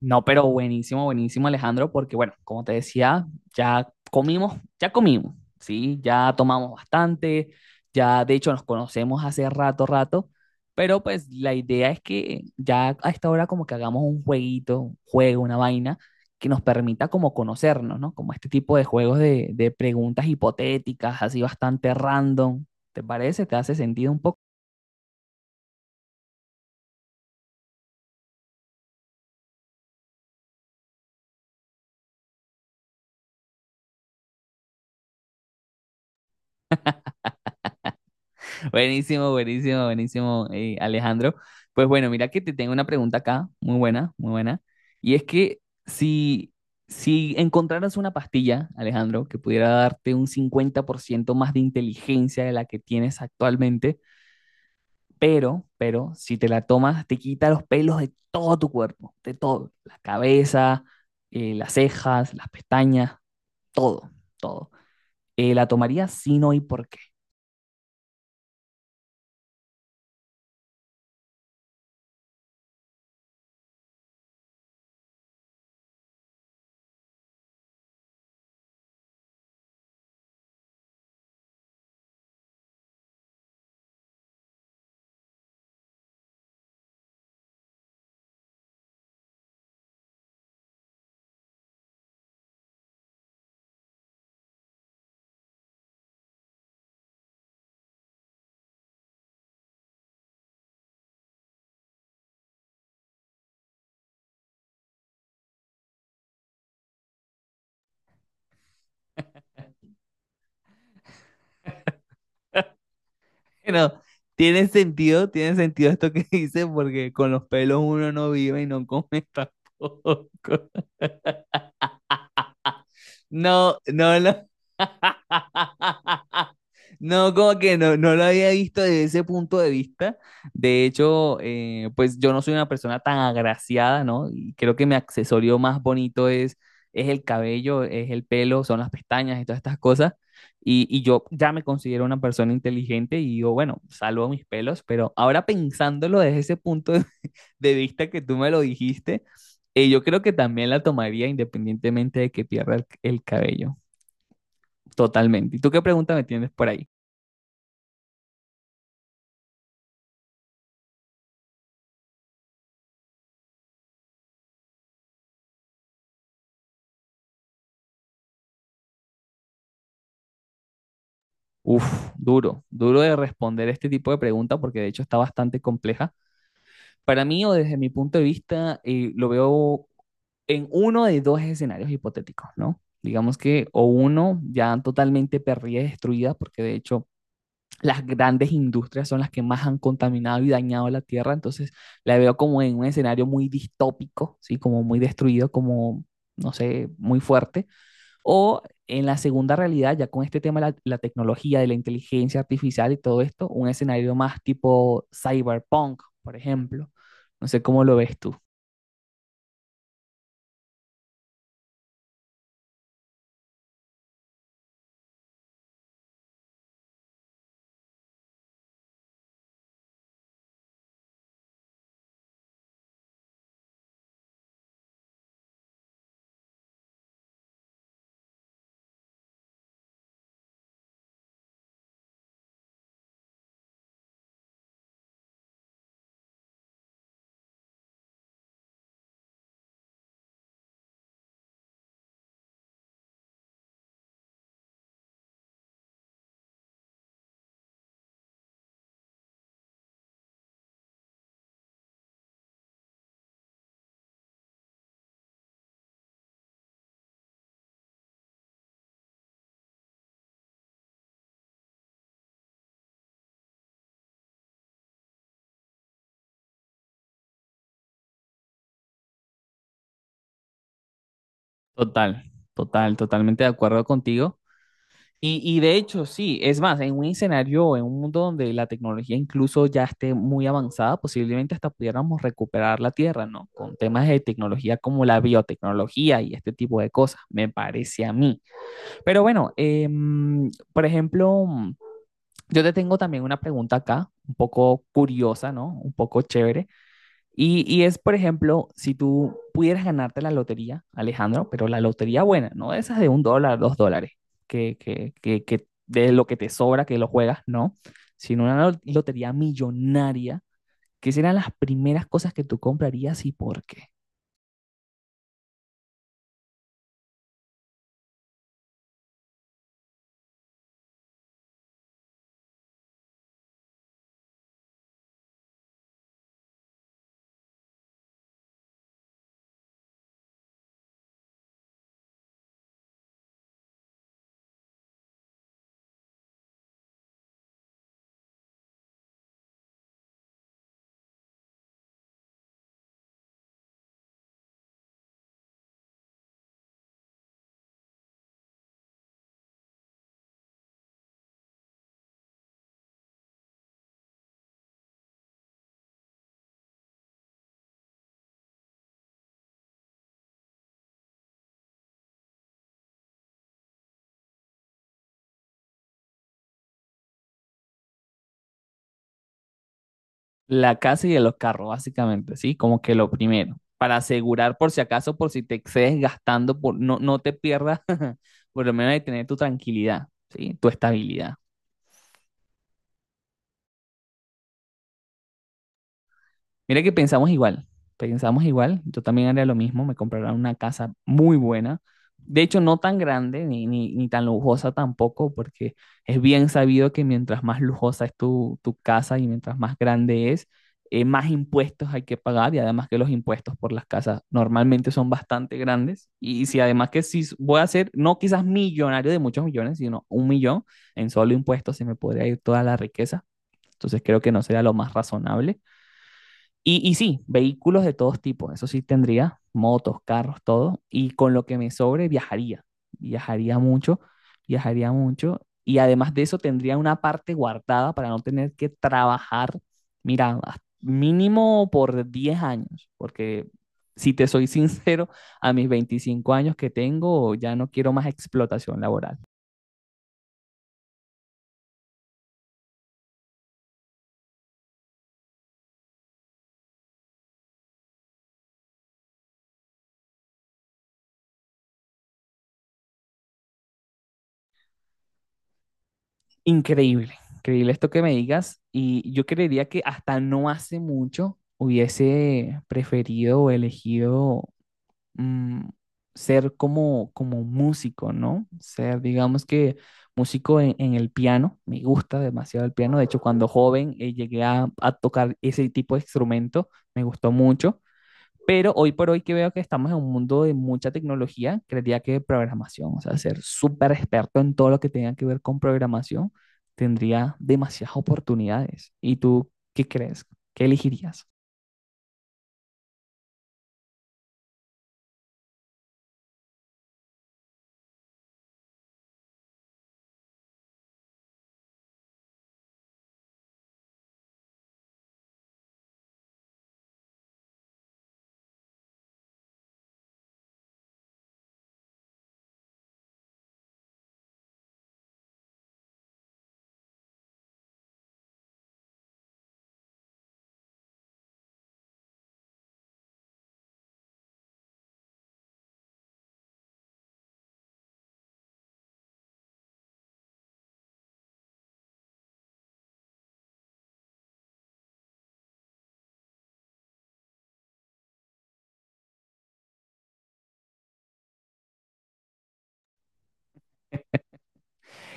No, pero buenísimo, buenísimo, Alejandro, porque bueno, como te decía, ya comimos, ya comimos, ¿sí? Ya tomamos bastante, ya de hecho nos conocemos hace rato, rato, pero pues la idea es que ya a esta hora como que hagamos un jueguito, un juego, una vaina que nos permita como conocernos, ¿no? Como este tipo de juegos de preguntas hipotéticas, así bastante random, ¿te parece? ¿Te hace sentido un poco? Buenísimo, buenísimo, buenísimo, Alejandro. Pues bueno, mira que te tengo una pregunta acá, muy buena, muy buena. Y es que si, si encontraras una pastilla, Alejandro, que pudiera darte un 50% más de inteligencia de la que tienes actualmente, pero, si te la tomas, te quita los pelos de todo tu cuerpo, de todo, la cabeza, las cejas, las pestañas, todo, todo. ¿La tomarías? Si no, ¿y por qué? Bueno, tiene sentido esto que dice, porque con los pelos uno no vive y no come tampoco. No, no, no. No, como que no, no lo había visto desde ese punto de vista. De hecho, pues yo no soy una persona tan agraciada, ¿no? Y creo que mi accesorio más bonito es el cabello, es el pelo, son las pestañas y todas estas cosas. Y yo ya me considero una persona inteligente y digo, bueno, salvo mis pelos, pero ahora pensándolo desde ese punto de, de vista que tú me lo dijiste, yo creo que también la tomaría independientemente de que pierda el cabello. Totalmente. ¿Y tú qué pregunta me tienes por ahí? Uf, duro, duro de responder este tipo de pregunta porque de hecho está bastante compleja. Para mí o desde mi punto de vista, lo veo en uno de dos escenarios hipotéticos, ¿no? Digamos que o uno ya totalmente perdida y destruida, porque de hecho las grandes industrias son las que más han contaminado y dañado la Tierra, entonces la veo como en un escenario muy distópico, ¿sí? Como muy destruido, como, no sé, muy fuerte. O en la segunda realidad, ya con este tema de la tecnología, de la inteligencia artificial y todo esto, un escenario más tipo cyberpunk, por ejemplo. No sé cómo lo ves tú. Total, total, totalmente de acuerdo contigo. Y de hecho, sí, es más, en un escenario, en un mundo donde la tecnología incluso ya esté muy avanzada, posiblemente hasta pudiéramos recuperar la Tierra, ¿no? Con temas de tecnología como la biotecnología y este tipo de cosas, me parece a mí. Pero bueno, por ejemplo, yo te tengo también una pregunta acá, un poco curiosa, ¿no? Un poco chévere. Y es, por ejemplo, si tú pudieras ganarte la lotería, Alejandro, pero la lotería buena, no de esas de un dólar, dos dólares, que de lo que te sobra, que lo juegas, no, sino lotería millonaria, ¿qué serán las primeras cosas que tú comprarías y por qué? La casa y de los carros, básicamente, ¿sí? Como que lo primero, para asegurar por si acaso, por si te excedes gastando, por, no, no te pierdas, por lo menos de tener tu tranquilidad, ¿sí? Tu estabilidad. Mira que pensamos igual, pensamos igual. Yo también haría lo mismo, me comprará una casa muy buena. De hecho, no tan grande ni tan lujosa tampoco, porque es bien sabido que mientras más lujosa es tu casa y mientras más grande es, más impuestos hay que pagar y además que los impuestos por las casas normalmente son bastante grandes. Y si además que si voy a ser, no quizás millonario de muchos millones, sino un millón en solo impuestos, se me podría ir toda la riqueza. Entonces creo que no sería lo más razonable. Y sí, vehículos de todos tipos, eso sí tendría, motos, carros, todo, y con lo que me sobre viajaría, viajaría mucho, viajaría mucho, y además de eso tendría una parte guardada para no tener que trabajar, mira, mínimo por 10 años, porque si te soy sincero, a mis 25 años que tengo ya no quiero más explotación laboral. Increíble, increíble esto que me digas. Y yo creería que hasta no hace mucho hubiese preferido o elegido mm, ser como, como músico, ¿no? Ser, digamos que músico en el piano. Me gusta demasiado el piano. De hecho, cuando joven llegué a tocar ese tipo de instrumento, me gustó mucho. Pero hoy por hoy que veo que estamos en un mundo de mucha tecnología, creería que programación, o sea, ser súper experto en todo lo que tenga que ver con programación, tendría demasiadas oportunidades. ¿Y tú qué crees? ¿Qué elegirías?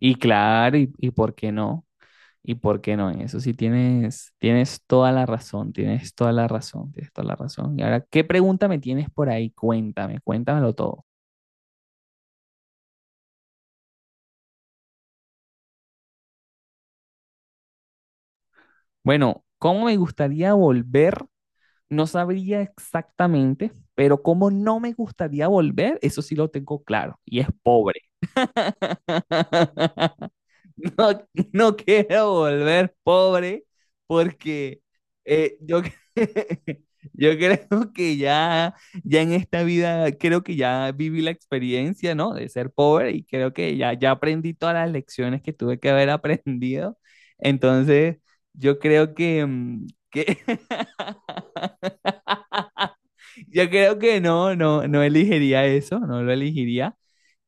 Y claro, y por qué no? ¿Y por qué no? En eso sí tienes, tienes toda la razón, tienes toda la razón, tienes toda la razón. Y ahora, ¿qué pregunta me tienes por ahí? Cuéntame, cuéntamelo todo. Bueno, ¿cómo me gustaría volver? No sabría exactamente, pero como no me gustaría volver, eso sí lo tengo claro, y es pobre. No, no quiero volver pobre porque eh, yo, cre- yo creo que ya, ya en esta vida, creo que ya viví la experiencia, ¿no? De ser pobre y creo que ya, ya aprendí todas las lecciones que tuve que haber aprendido. Entonces, yo creo que, que yo creo que no, no, no elegiría eso, no lo elegiría.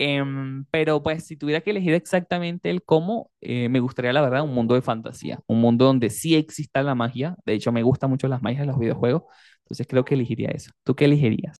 Pero pues si tuviera que elegir exactamente el cómo, me gustaría la verdad un mundo de fantasía, un mundo donde sí exista la magia. De hecho, me gustan mucho las magias de los videojuegos, entonces creo que elegiría eso. ¿Tú qué elegirías?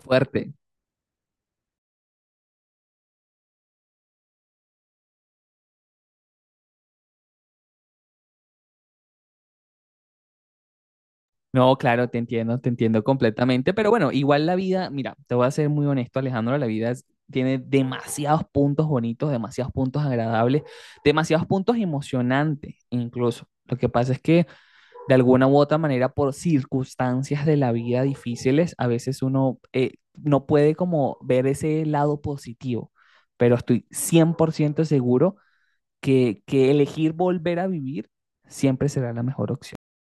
Fuerte. No, claro, te entiendo completamente, pero bueno, igual la vida, mira, te voy a ser muy honesto, Alejandro, la vida es- tiene demasiados puntos bonitos, demasiados puntos agradables, demasiados puntos emocionantes incluso. Lo que pasa es que de alguna u otra manera por circunstancias de la vida difíciles, a veces uno no puede como ver ese lado positivo, pero estoy 100% seguro que elegir volver a vivir siempre será la mejor opción.